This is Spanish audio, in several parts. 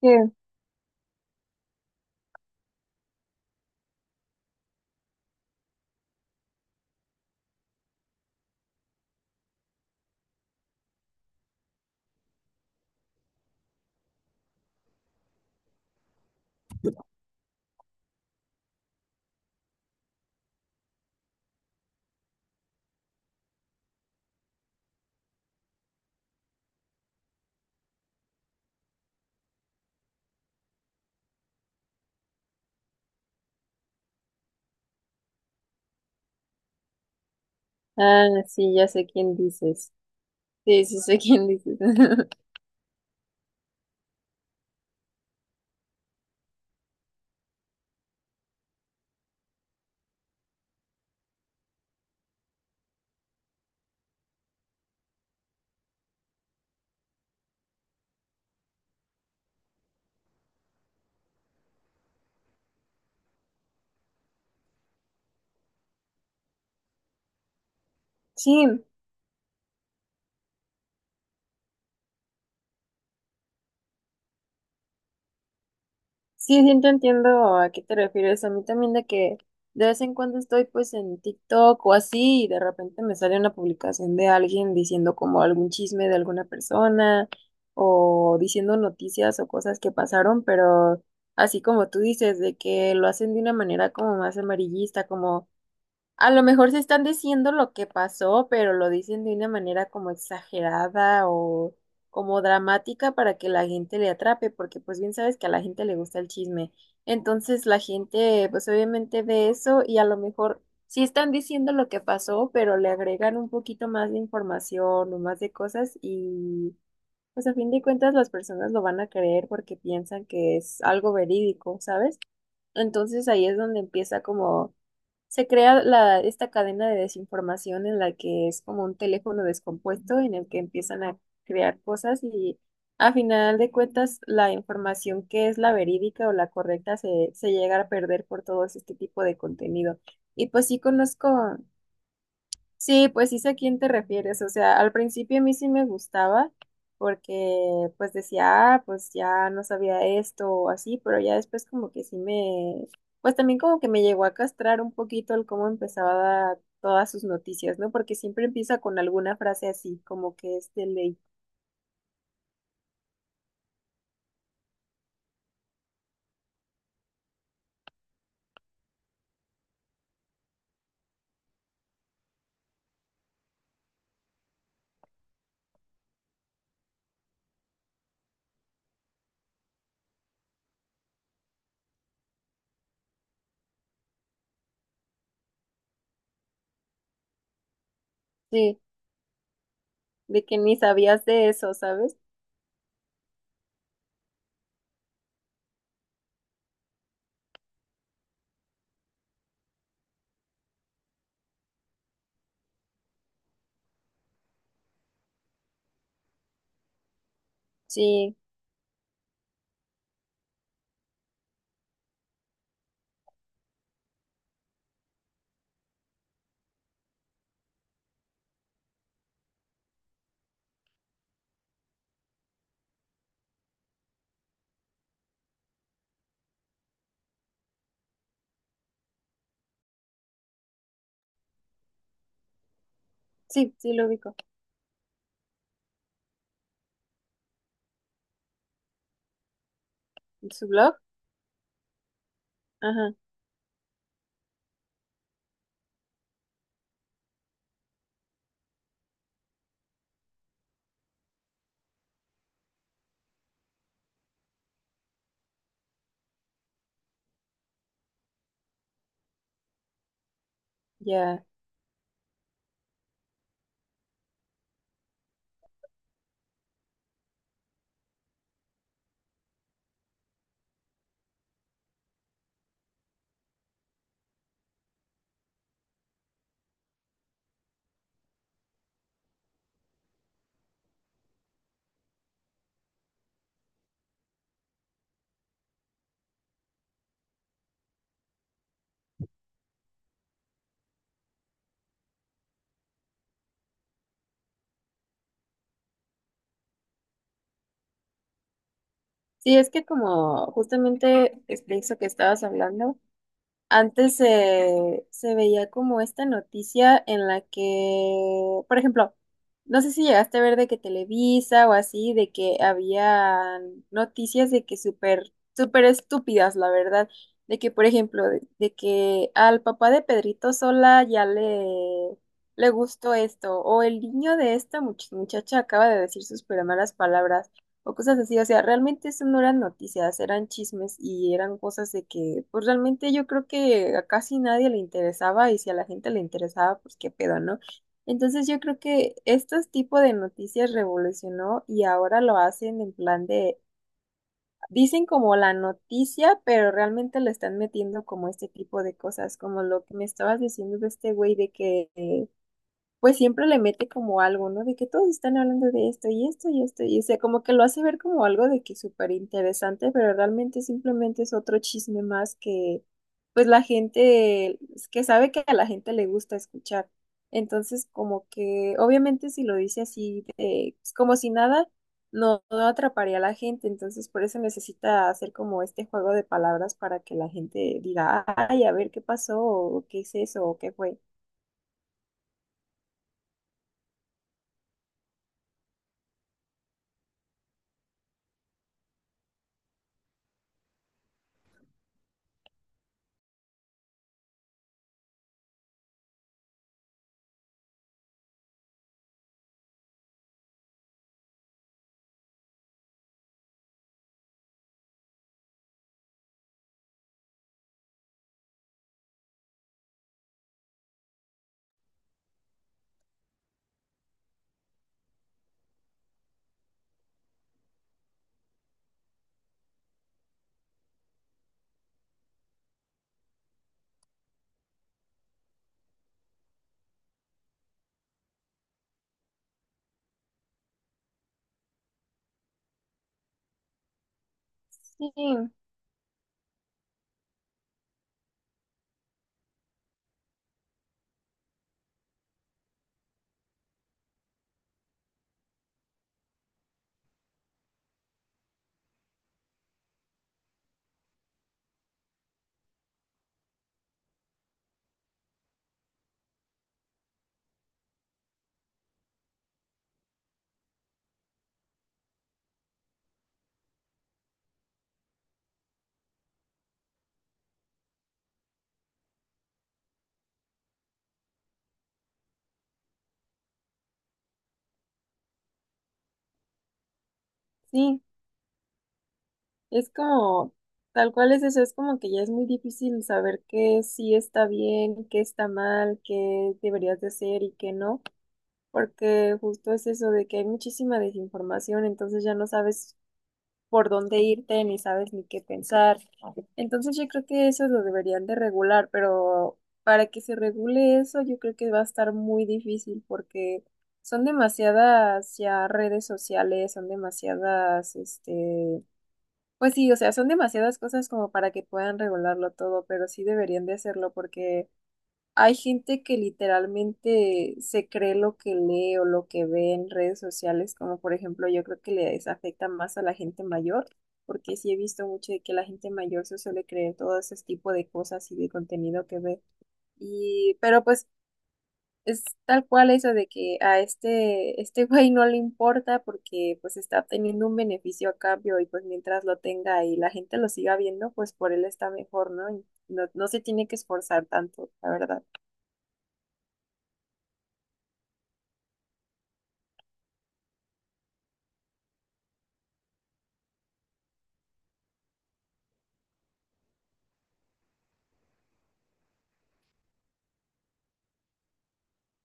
¿Qué? Ah, sí, ya sé quién dices. Sí, sí sé quién dices. Sí, sí, sí te entiendo a qué te refieres. A mí también de que de vez en cuando estoy pues en TikTok o así y de repente me sale una publicación de alguien diciendo como algún chisme de alguna persona o diciendo noticias o cosas que pasaron, pero así como tú dices, de que lo hacen de una manera como más amarillista, como... A lo mejor se están diciendo lo que pasó, pero lo dicen de una manera como exagerada o como dramática para que la gente le atrape, porque pues bien sabes que a la gente le gusta el chisme. Entonces la gente pues obviamente ve eso y a lo mejor sí están diciendo lo que pasó, pero le agregan un poquito más de información o más de cosas y pues a fin de cuentas las personas lo van a creer porque piensan que es algo verídico, ¿sabes? Entonces ahí es donde empieza como se crea esta cadena de desinformación en la que es como un teléfono descompuesto en el que empiezan a crear cosas y a final de cuentas la información que es la verídica o la correcta se llega a perder por todo este tipo de contenido. Y pues sí conozco. Sí, pues sí sé a quién te refieres. O sea, al principio a mí sí me gustaba porque pues decía, ah, pues ya no sabía esto o así, pero ya después como que sí me, pues también como que me llegó a castrar un poquito el cómo empezaba todas sus noticias, ¿no? Porque siempre empieza con alguna frase así, como que es de ley. Sí, de que ni sabías de eso, ¿sabes? Sí, sí, sí lo ubico. ¿Su blog? Ajá, ya. Sí, es que como justamente es de eso que estabas hablando. Antes se veía como esta noticia en la que, por ejemplo, no sé si llegaste a ver de que Televisa o así, de que había noticias de que súper, súper estúpidas, la verdad, de que, por ejemplo, de que al papá de Pedrito Sola ya le gustó esto, o el niño de esta muchacha acaba de decir sus super malas palabras o cosas así. O sea, realmente eso no eran noticias, eran chismes y eran cosas de que, pues realmente yo creo que a casi nadie le interesaba y si a la gente le interesaba, pues qué pedo, ¿no? Entonces yo creo que estos tipo de noticias revolucionó y ahora lo hacen en plan de, dicen como la noticia, pero realmente le están metiendo como este tipo de cosas, como lo que me estabas diciendo de este güey de que... pues siempre le mete como algo, ¿no? De que todos están hablando de esto y esto y esto, y o sea, como que lo hace ver como algo de que súper interesante, pero realmente simplemente es otro chisme más que, pues la gente, que sabe que a la gente le gusta escuchar. Entonces, como que, obviamente si lo dice así, pues, como si nada, no, no atraparía a la gente, entonces por eso necesita hacer como este juego de palabras para que la gente diga, ay, a ver qué pasó, o qué es eso, o qué fue. Sí, sí. Es como, tal cual es eso, es como que ya es muy difícil saber qué sí está bien, qué está mal, qué deberías de hacer y qué no, porque justo es eso de que hay muchísima desinformación, entonces ya no sabes por dónde irte, ni sabes ni qué pensar. Entonces yo creo que eso lo deberían de regular, pero para que se regule eso, yo creo que va a estar muy difícil porque son demasiadas ya redes sociales, son demasiadas, este, pues sí, o sea, son demasiadas cosas como para que puedan regularlo todo, pero sí deberían de hacerlo porque hay gente que literalmente se cree lo que lee o lo que ve en redes sociales, como por ejemplo yo creo que les afecta más a la gente mayor, porque sí he visto mucho de que la gente mayor se suele creer todo ese tipo de cosas y de contenido que ve. Y, pero pues es tal cual eso de que a este güey no le importa porque pues está obteniendo un beneficio a cambio y pues mientras lo tenga y la gente lo siga viendo, pues por él está mejor, ¿no? Y no, no se tiene que esforzar tanto, la verdad.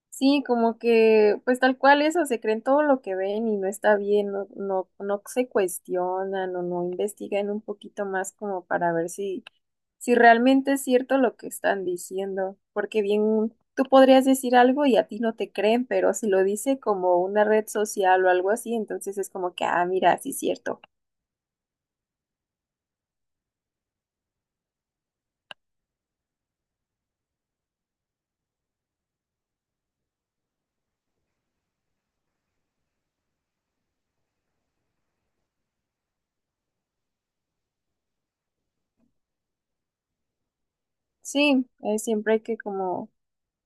Sí, como que pues tal cual eso, se creen todo lo que ven y no está bien, no, no, no se cuestionan o no investigan un poquito más como para ver si realmente es cierto lo que están diciendo, porque bien tú podrías decir algo y a ti no te creen, pero si lo dice como una red social o algo así, entonces es como que, ah, mira, sí es cierto. Sí, siempre hay que como,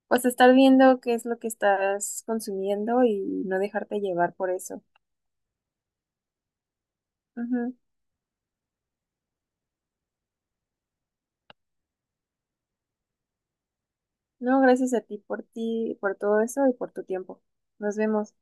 pues estar viendo qué es lo que estás consumiendo y no dejarte llevar por eso. Ujú. No, gracias a ti por ti, por todo eso y por tu tiempo. Nos vemos.